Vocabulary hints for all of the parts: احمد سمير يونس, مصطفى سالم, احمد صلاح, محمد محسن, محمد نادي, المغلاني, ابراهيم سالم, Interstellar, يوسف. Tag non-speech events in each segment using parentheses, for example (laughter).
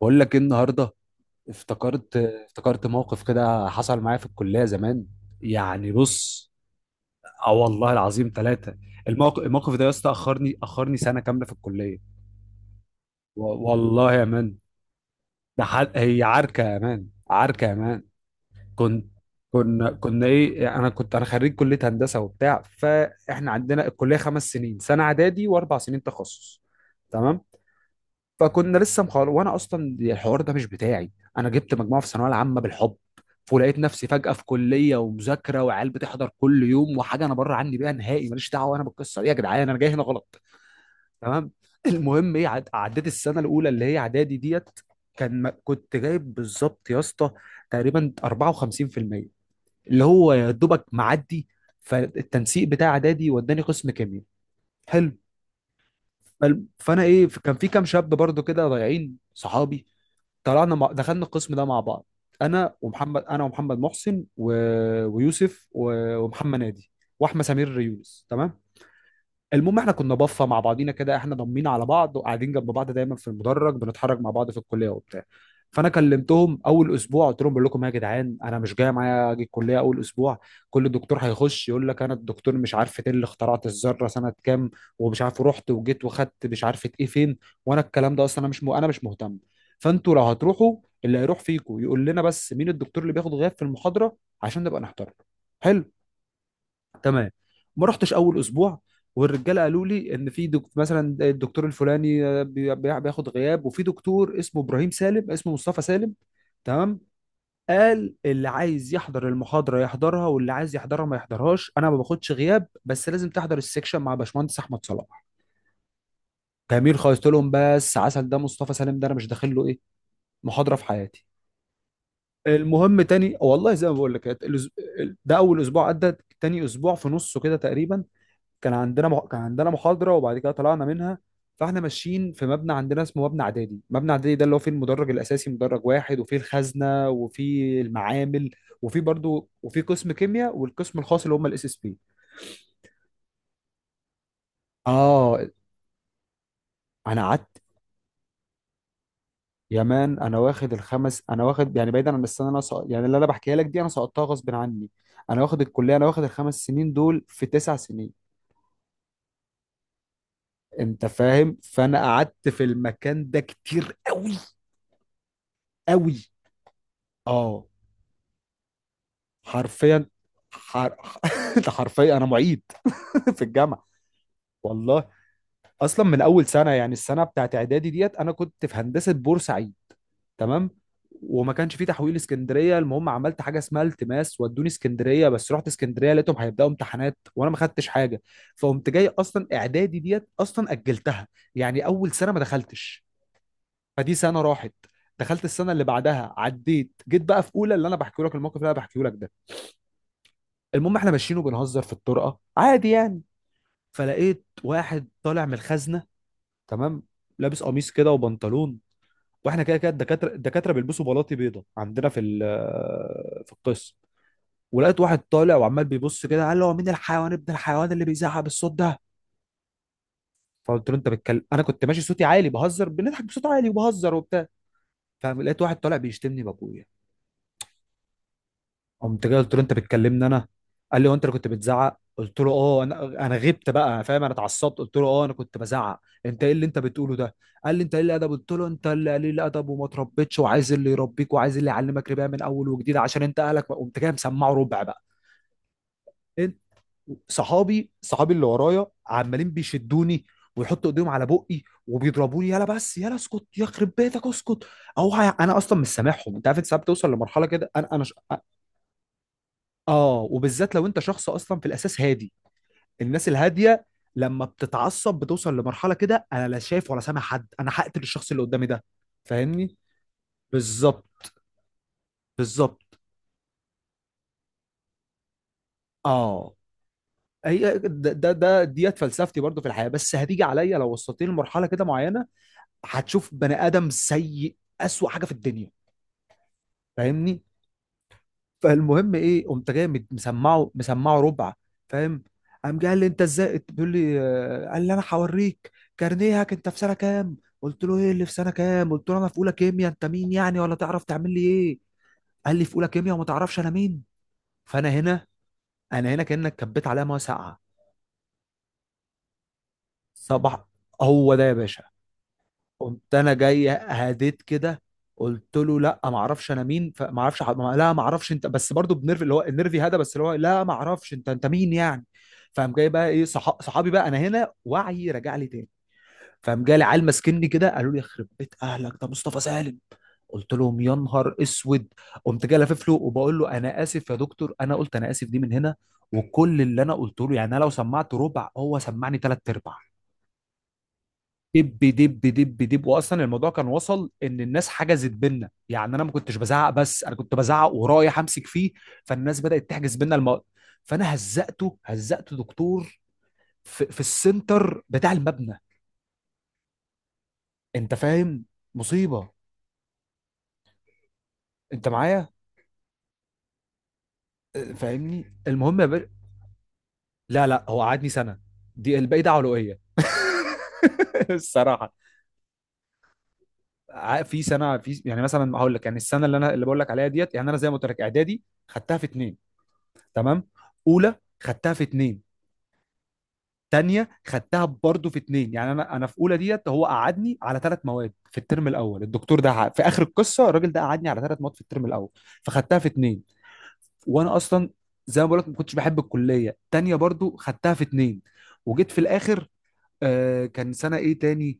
بقول لك ايه النهارده. افتكرت موقف كده حصل معايا في الكليه زمان. يعني بص، اه والله العظيم ثلاثه. الموقف ده يا اسطى اخرني سنه كامله في الكليه. والله يا مان، ده حد، هي عركه يا مان، عركه يا مان. كنت، كنا كنا ايه انا كنت انا خريج كليه هندسه وبتاع. فاحنا عندنا الكليه خمس سنين، سنه اعدادي واربع سنين تخصص. تمام. فكنا لسه مخلص، وانا اصلا الحوار ده مش بتاعي. انا جبت مجموعه في الثانويه العامه بالحب، ولقيت نفسي فجاه في كليه ومذاكره وعيال بتحضر كل يوم، وحاجه انا بره عني بيها نهائي، ماليش دعوه انا بالقصه دي. يا جدعان انا جاي هنا غلط. تمام. المهم ايه، عديت السنه الاولى اللي هي اعدادي ديت. كان كنت جايب بالظبط يا اسطى تقريبا 54%، اللي هو يا دوبك معدي. فالتنسيق بتاع اعدادي وداني قسم كيمياء. حلو. فانا ايه، كان في كام شاب برضو كده ضايعين صحابي. طلعنا دخلنا القسم ده مع بعض. انا ومحمد محسن، ويوسف، ومحمد نادي، واحمد سمير يونس. تمام. المهم احنا كنا بفه مع بعضينا كده، احنا ضمينا على بعض وقاعدين جنب بعض دايما في المدرج، بنتحرك مع بعض في الكليه وبتاع. فانا كلمتهم اول اسبوع، قلت لهم بقول لكم إيه يا جدعان، انا مش جاي، معايا اجي الكليه اول اسبوع. كل دكتور هيخش يقول لك انا الدكتور مش عارف ايه، اللي اخترعت الذره سنه كام، ومش عارف رحت وجيت وخدت مش عارف ايه فين. وانا الكلام ده اصلا انا مش م... انا مش مهتم. فانتوا لو هتروحوا، اللي هيروح فيكم يقول لنا بس مين الدكتور اللي بياخد غياب في المحاضره، عشان نبقى نحترم. حلو. تمام. ما رحتش اول اسبوع. والرجاله قالوا لي ان في مثلا الدكتور الفلاني آه، بياخد غياب، وفي دكتور اسمه ابراهيم سالم، اسمه مصطفى سالم. تمام. قال اللي عايز يحضر المحاضره يحضرها، واللي عايز يحضرها ما يحضرهاش، انا ما باخدش غياب، بس لازم تحضر السكشن مع باشمهندس احمد صلاح. جميل خالص. قلت لهم بس عسل، ده مصطفى سالم ده انا مش داخل له ايه، محاضره في حياتي. المهم تاني والله زي ما بقول لك، ده اول اسبوع عدى. تاني اسبوع في نصه كده تقريبا، كان عندنا كان عندنا محاضرة، وبعد كده طلعنا منها. فاحنا ماشيين في مبنى عندنا اسمه مبنى اعدادي. مبنى اعدادي ده اللي هو فيه المدرج الاساسي، مدرج واحد، وفيه الخزنة وفيه المعامل، وفيه برضو وفيه قسم كيمياء والقسم الخاص اللي هم الاس اس بي. اه انا قعدت يا مان، انا واخد الخمس، انا واخد يعني، بعيدا عن السنه اللي انا سقط، يعني اللي انا بحكيها لك دي انا سقطتها غصب عني، انا واخد الكليه، انا واخد الخمس سنين دول في تسع سنين. انت فاهم. فانا قعدت في المكان ده كتير قوي، قوي. اه حرفيا. حر... (laughs) ده حرفيا انا معيد، (laughs) في الجامعه. والله اصلا من اول سنه، يعني السنه بتاعت اعدادي ديت انا كنت في هندسه بورسعيد. تمام. وما كانش في تحويل اسكندريه. المهم عملت حاجه اسمها التماس ودوني اسكندريه، بس رحت اسكندريه لقيتهم هيبداوا امتحانات وانا ما خدتش حاجه. فقمت جاي، اصلا اعدادي ديت اصلا اجلتها، يعني اول سنه ما دخلتش. فدي سنه راحت. دخلت السنه اللي بعدها عديت، جيت بقى في اولى اللي انا بحكي لك الموقف اللي انا بحكيه لك ده. المهم احنا ماشيين وبنهزر في الطرقه عادي يعني. فلقيت واحد طالع من الخزنه. تمام. لابس قميص كده وبنطلون. واحنا كده كده الدكاتره، الدكاتره بيلبسوا بلاطي بيضه عندنا في القسم. ولقيت واحد طالع وعمال بيبص كده، قال له هو مين الحيوان ابن الحيوان اللي بيزعق بالصوت ده؟ فقلت له انت بتكلم، انا كنت ماشي صوتي عالي بهزر، بنضحك بصوت عالي وبهزر وبتاع. فلقيت واحد طالع بيشتمني بابويا. قمت جاي قلت له انت بتكلمني انا؟ قال لي هو انت اللي كنت بتزعق؟ قلت له اه انا غبت بقى، فاهم، انا اتعصبت، قلت له اه انا كنت بزعق، انت ايه اللي انت بتقوله ده؟ قال لي انت قليل الادب، قلت له انت اللي قليل الادب وما تربيتش وعايز اللي يربيك وعايز اللي يعلمك ربا من اول وجديد عشان انت اهلك قمت جاي مسمعه ربع بقى، انت. صحابي، صحابي اللي ورايا عمالين بيشدوني ويحطوا ايديهم على بقي وبيضربوني، يلا بس يلا اسكت، يخرب بيتك اسكت. انا اصلا مش سامعهم. انت عارف، انت ساعات بتوصل لمرحله كده، انا اه، وبالذات لو انت شخص اصلا في الاساس هادي، الناس الهاديه لما بتتعصب بتوصل لمرحله كده، انا لا شايف ولا سامع حد، انا هقتل الشخص اللي قدامي ده. فاهمني. بالظبط، بالظبط. اه هي ديت فلسفتي برضو في الحياه، بس هتيجي عليا لو وصلتني لمرحله كده معينه، هتشوف بني ادم سيء، اسوأ حاجه في الدنيا. فاهمني. فالمهم ايه، قمت جاي مسمعه ربع. فاهم. قام جاي قال لي انت ازاي، بيقول لي آه، قال لي انا هوريك كارنيهك، انت في سنه كام؟ قلت له ايه اللي في سنه كام، قلت له انا في اولى كيمياء، انت مين يعني ولا تعرف تعمل لي ايه؟ قال لي في اولى كيمياء وما تعرفش انا مين؟ فانا هنا، انا هنا كانك كبيت عليا ميه ساقعه. صباح. هو ده يا باشا. قمت انا جاي هديت كده، قلت له لا ما اعرفش انا مين، فما اعرفش لا ما اعرفش انت، بس برضو بنرفي اللي هو النرفي هذا، بس اللي هو لا ما اعرفش انت، انت مين يعني؟ فقام جاي بقى ايه، صحابي بقى، انا هنا وعي رجع لي تاني. فقام جالي عيال ماسكني كده قالوا لي يخرب بيت اهلك ده مصطفى سالم. قلت لهم يا نهار اسود. قمت جاي لافف له وبقول له انا اسف يا دكتور، انا قلت انا اسف دي من هنا، وكل اللي انا قلته له، يعني انا لو سمعت ربع هو سمعني ثلاث ارباع، دب دب دب دب. واصلا الموضوع كان وصل ان الناس حجزت بينا، يعني انا ما كنتش بزعق، بس انا كنت بزعق ورايح امسك فيه، فالناس بدات تحجز بينا الموضوع. فانا هزقته، هزقته دكتور، في السنتر بتاع المبنى. انت فاهم؟ مصيبه. انت معايا؟ أه، فاهمني. المهم يا باشا. لا لا، هو قعدني سنه، دي الباقي ده علوئيه، (laughs) الصراحه. في سنه في، يعني مثلا هقول لك، يعني السنه اللي انا اللي بقول لك عليها ديت، يعني انا زي ما قلت لك اعدادي خدتها في اتنين. تمام. اولى، خدتها في اتنين. تانية خدتها برضه في اتنين. يعني انا في اولى ديت هو قعدني على ثلاث مواد في الترم الاول. الدكتور ده، في اخر القصه الراجل ده قعدني على ثلاث مواد في الترم الاول، فخدتها في اتنين. وانا اصلا زي ما بقول لك ما كنتش بحب الكليه. تانية برضه خدتها في اتنين. وجيت في الاخر، آه كان سنه ايه تاني،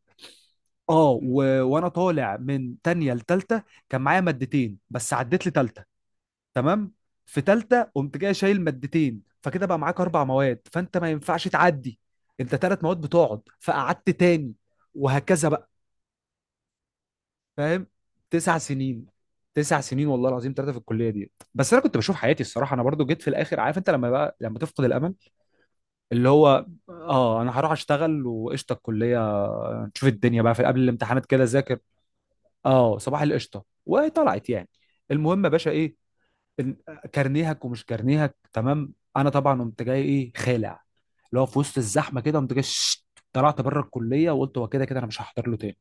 اه وانا طالع من تانية لتالتة، كان معايا مادتين بس، عديت لتالتة. تمام. في تالتة قمت جاي شايل مادتين، فكده بقى معاك اربع مواد، فانت ما ينفعش تعدي، انت تلات مواد بتقعد، فقعدت تاني. وهكذا بقى. فاهم. تسع سنين، تسع سنين والله العظيم ثلاثة في الكلية دي. بس انا كنت بشوف حياتي الصراحة، انا برضو جيت في الاخر عارف انت لما بقى لما تفقد الامل، اللي هو اه انا هروح اشتغل وقشطة الكلية، نشوف الدنيا بقى، في قبل الامتحانات كده ذاكر، اه صباح القشطة وطلعت يعني. المهم يا باشا ايه، كارنيهك ومش كارنيهك. تمام، انا طبعا قمت جاي ايه، خالع. اللي هو في وسط الزحمه كده، قمت جاي شت، طلعت بره الكليه وقلت هو كده كده انا مش هحضر له تاني.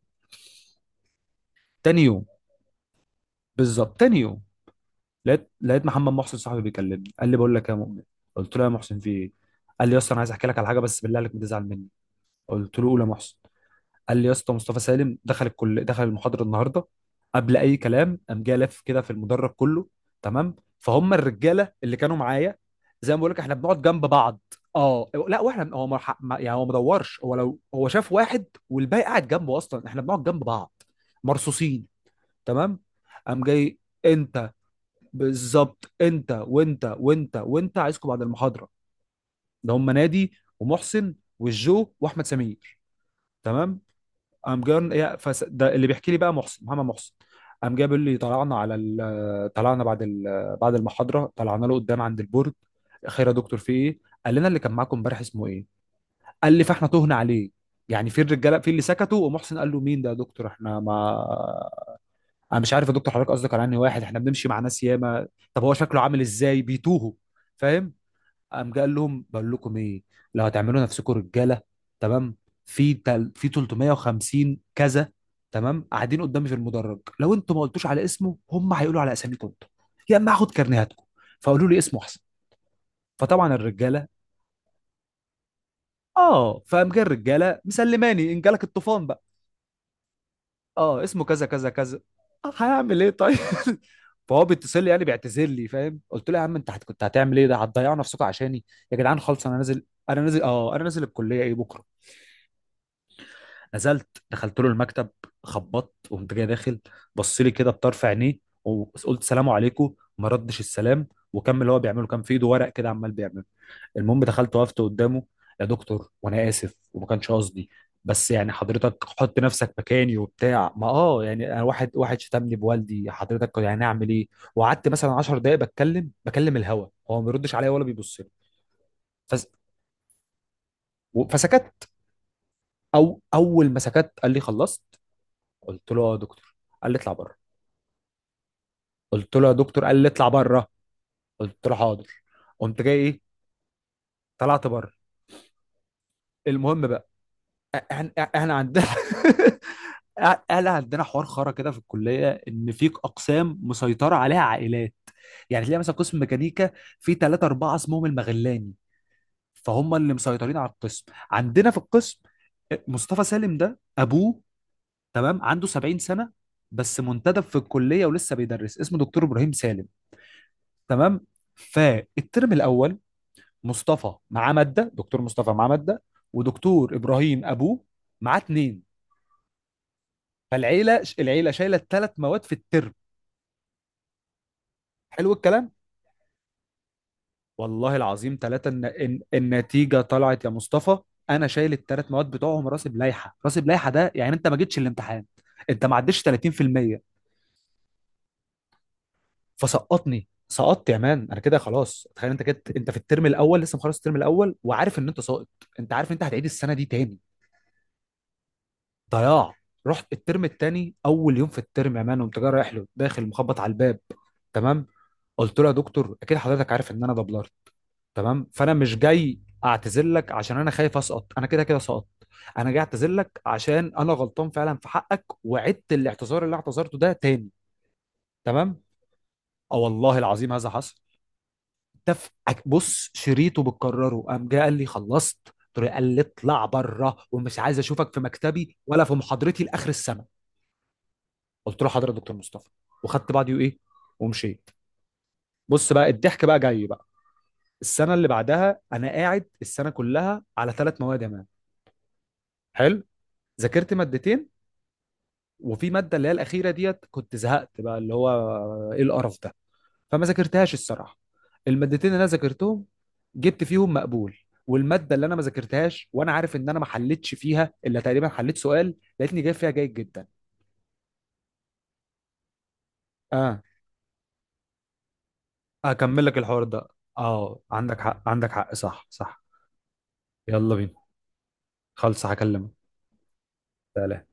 تاني يوم، بالظبط تاني يوم، لقيت محمد محسن صاحبي بيكلمني، قال لي بقول لك إيه يا مؤمن. قلت له يا محسن في ايه؟ قال لي يا اسطى انا عايز احكي لك على حاجه بس بالله عليك ما تزعل مني. قلت له قول يا محسن. قال لي يا اسطى، مصطفى سالم دخل الكل، دخل المحاضره النهارده. قبل اي كلام قام جه لف كده في المدرج كله. تمام. فهم الرجاله اللي كانوا معايا، زي ما بقول لك احنا بنقعد جنب بعض. اه لا واحنا، هو ما ح- ما- يعني هو ما دورش، هو لو هو شاف واحد والباقي قاعد جنبه، اصلا احنا بنقعد جنب بعض، مرصوصين. تمام. قام جاي، انت، بالظبط انت وانت وانت وانت، عايزكم بعد المحاضره. ده هم نادي، ومحسن، والجو، واحمد سمير. تمام. قام جاي ده اللي بيحكي لي بقى محسن، محمد محسن. قام جاي بيقول لي طلعنا على طلعنا بعد بعد المحاضره طلعنا له قدام عند البورد. خير يا دكتور في ايه؟ قال لنا اللي كان معاكم امبارح اسمه ايه؟ قال لي فاحنا تهنا عليه، يعني في الرجاله في اللي سكتوا، ومحسن قال له مين ده يا دكتور احنا ما، انا مش عارف يا دكتور حضرتك قصدك على انهي واحد، احنا بنمشي مع ناس ياما. طب هو شكله عامل ازاي، بيتوهوا. فاهم. قام قال لهم بقول لكم ايه، لو هتعملوا نفسكم رجاله، تمام، في في 350 كذا، تمام، قاعدين قدامي في المدرج، لو انتوا ما قلتوش على اسمه هم هيقولوا على اساميكم انتوا، يا اما هاخد كارنيهاتكم، فقولوا لي اسمه احسن. فطبعا الرجاله اه، فقام جه الرجاله مسلماني ان جالك الطوفان بقى، اه اسمه كذا كذا كذا. آه، هيعمل ايه طيب. (laughs) فهو بيتصل لي يعني بيعتذر لي، فاهم. قلت له يا عم انت كنت هتعمل ايه، ده هتضيعوا نفسكم عشاني، يا جدعان خالص، انا نازل، انا نازل اه، انا نازل الكليه ايه بكره. نزلت دخلت له المكتب. خبطت وقمت جاي داخل. بص لي كده بطرف عينيه، وقلت سلام عليكم، ما ردش السلام، وكمل هو بيعمله كان في ايده ورق كده عمال بيعمله. المهم دخلت وقفت قدامه، يا دكتور وانا اسف، وما كانش قصدي، بس يعني حضرتك حط نفسك مكاني وبتاع، ما اه يعني انا، واحد شتمني بوالدي، حضرتك يعني اعمل ايه؟ وقعدت مثلا 10 دقائق بتكلم، بكلم الهوا، هو ما بيردش عليا ولا بيبص لي. فس... فسكت. او اول ما سكت قال لي خلصت؟ قلت له اه يا دكتور. قال لي اطلع بره. قلت له يا دكتور. قال لي اطلع بره. قلت له حاضر. قمت جاي ايه، طلعت بره. المهم بقى، احنا عندنا (laughs) احنا عندنا حوار خرا كده في الكليه، ان في اقسام مسيطره عليها عائلات. يعني تلاقي مثلا قسم ميكانيكا، في ثلاثه اربعه اسمهم المغلاني، فهم اللي مسيطرين على القسم. عندنا في القسم، مصطفى سالم ده ابوه، تمام، عنده 70 سنه، بس منتدب في الكليه ولسه بيدرس، اسمه دكتور ابراهيم سالم. تمام. فالترم الاول، مصطفى معاه ماده، دكتور مصطفى معاه ماده، ودكتور ابراهيم ابوه معاه اتنين. فالعيله، العيله شايله ثلاث مواد في الترم. حلو الكلام. والله العظيم ثلاثه، النتيجه طلعت يا مصطفى، انا شايل الثلاث مواد بتوعهم، راسب لائحه، راسب لائحه ده يعني انت ما جيتش الامتحان، انت ما عدتش 30%. فسقطني. سقطت يا مان، انا كده خلاص. تخيل انت كده، انت في الترم الاول لسه مخلص الترم الاول وعارف ان انت ساقط، انت عارف انت هتعيد السنه دي تاني. ضياع. رحت الترم الثاني اول يوم في الترم يا مان، قمت جاي رايح له داخل مخبط على الباب. تمام. قلت له يا دكتور اكيد حضرتك عارف ان انا دبلرت. تمام. فانا مش جاي اعتذر لك عشان انا خايف اسقط، انا كده كده سقطت، انا جاي اعتذر لك عشان انا غلطان فعلا في حقك، وعدت الاعتذار اللي اعتذرته ده تاني. تمام. اه والله العظيم هذا حصل. تف. بص شريطه بتكرره، قام جاي قال لي خلصت؟ قلت له، قال لي اطلع بره، ومش عايز اشوفك في مكتبي ولا في محاضرتي لاخر السنه. قلت له حاضر يا دكتور مصطفى، وخدت بعضي وايه، ومشيت. بص بقى الضحك بقى جاي بقى. السنه اللي بعدها انا قاعد السنه كلها على ثلاث مواد يا مان. حلو. ذاكرت مادتين، وفي ماده اللي هي الاخيره ديت كنت زهقت بقى، اللي هو ايه القرف ده، فما ذاكرتهاش الصراحه. المادتين اللي انا ذاكرتهم جبت فيهم مقبول، والماده اللي انا ما ذاكرتهاش وانا عارف ان انا ما حلتش فيها الا تقريبا حليت سؤال، لقيتني جايب فيها جيد جدا. اه اكمل لك الحوار ده. اه عندك حق، عندك حق، صح صح. يلا بينا، خلص هكلمك. سلام.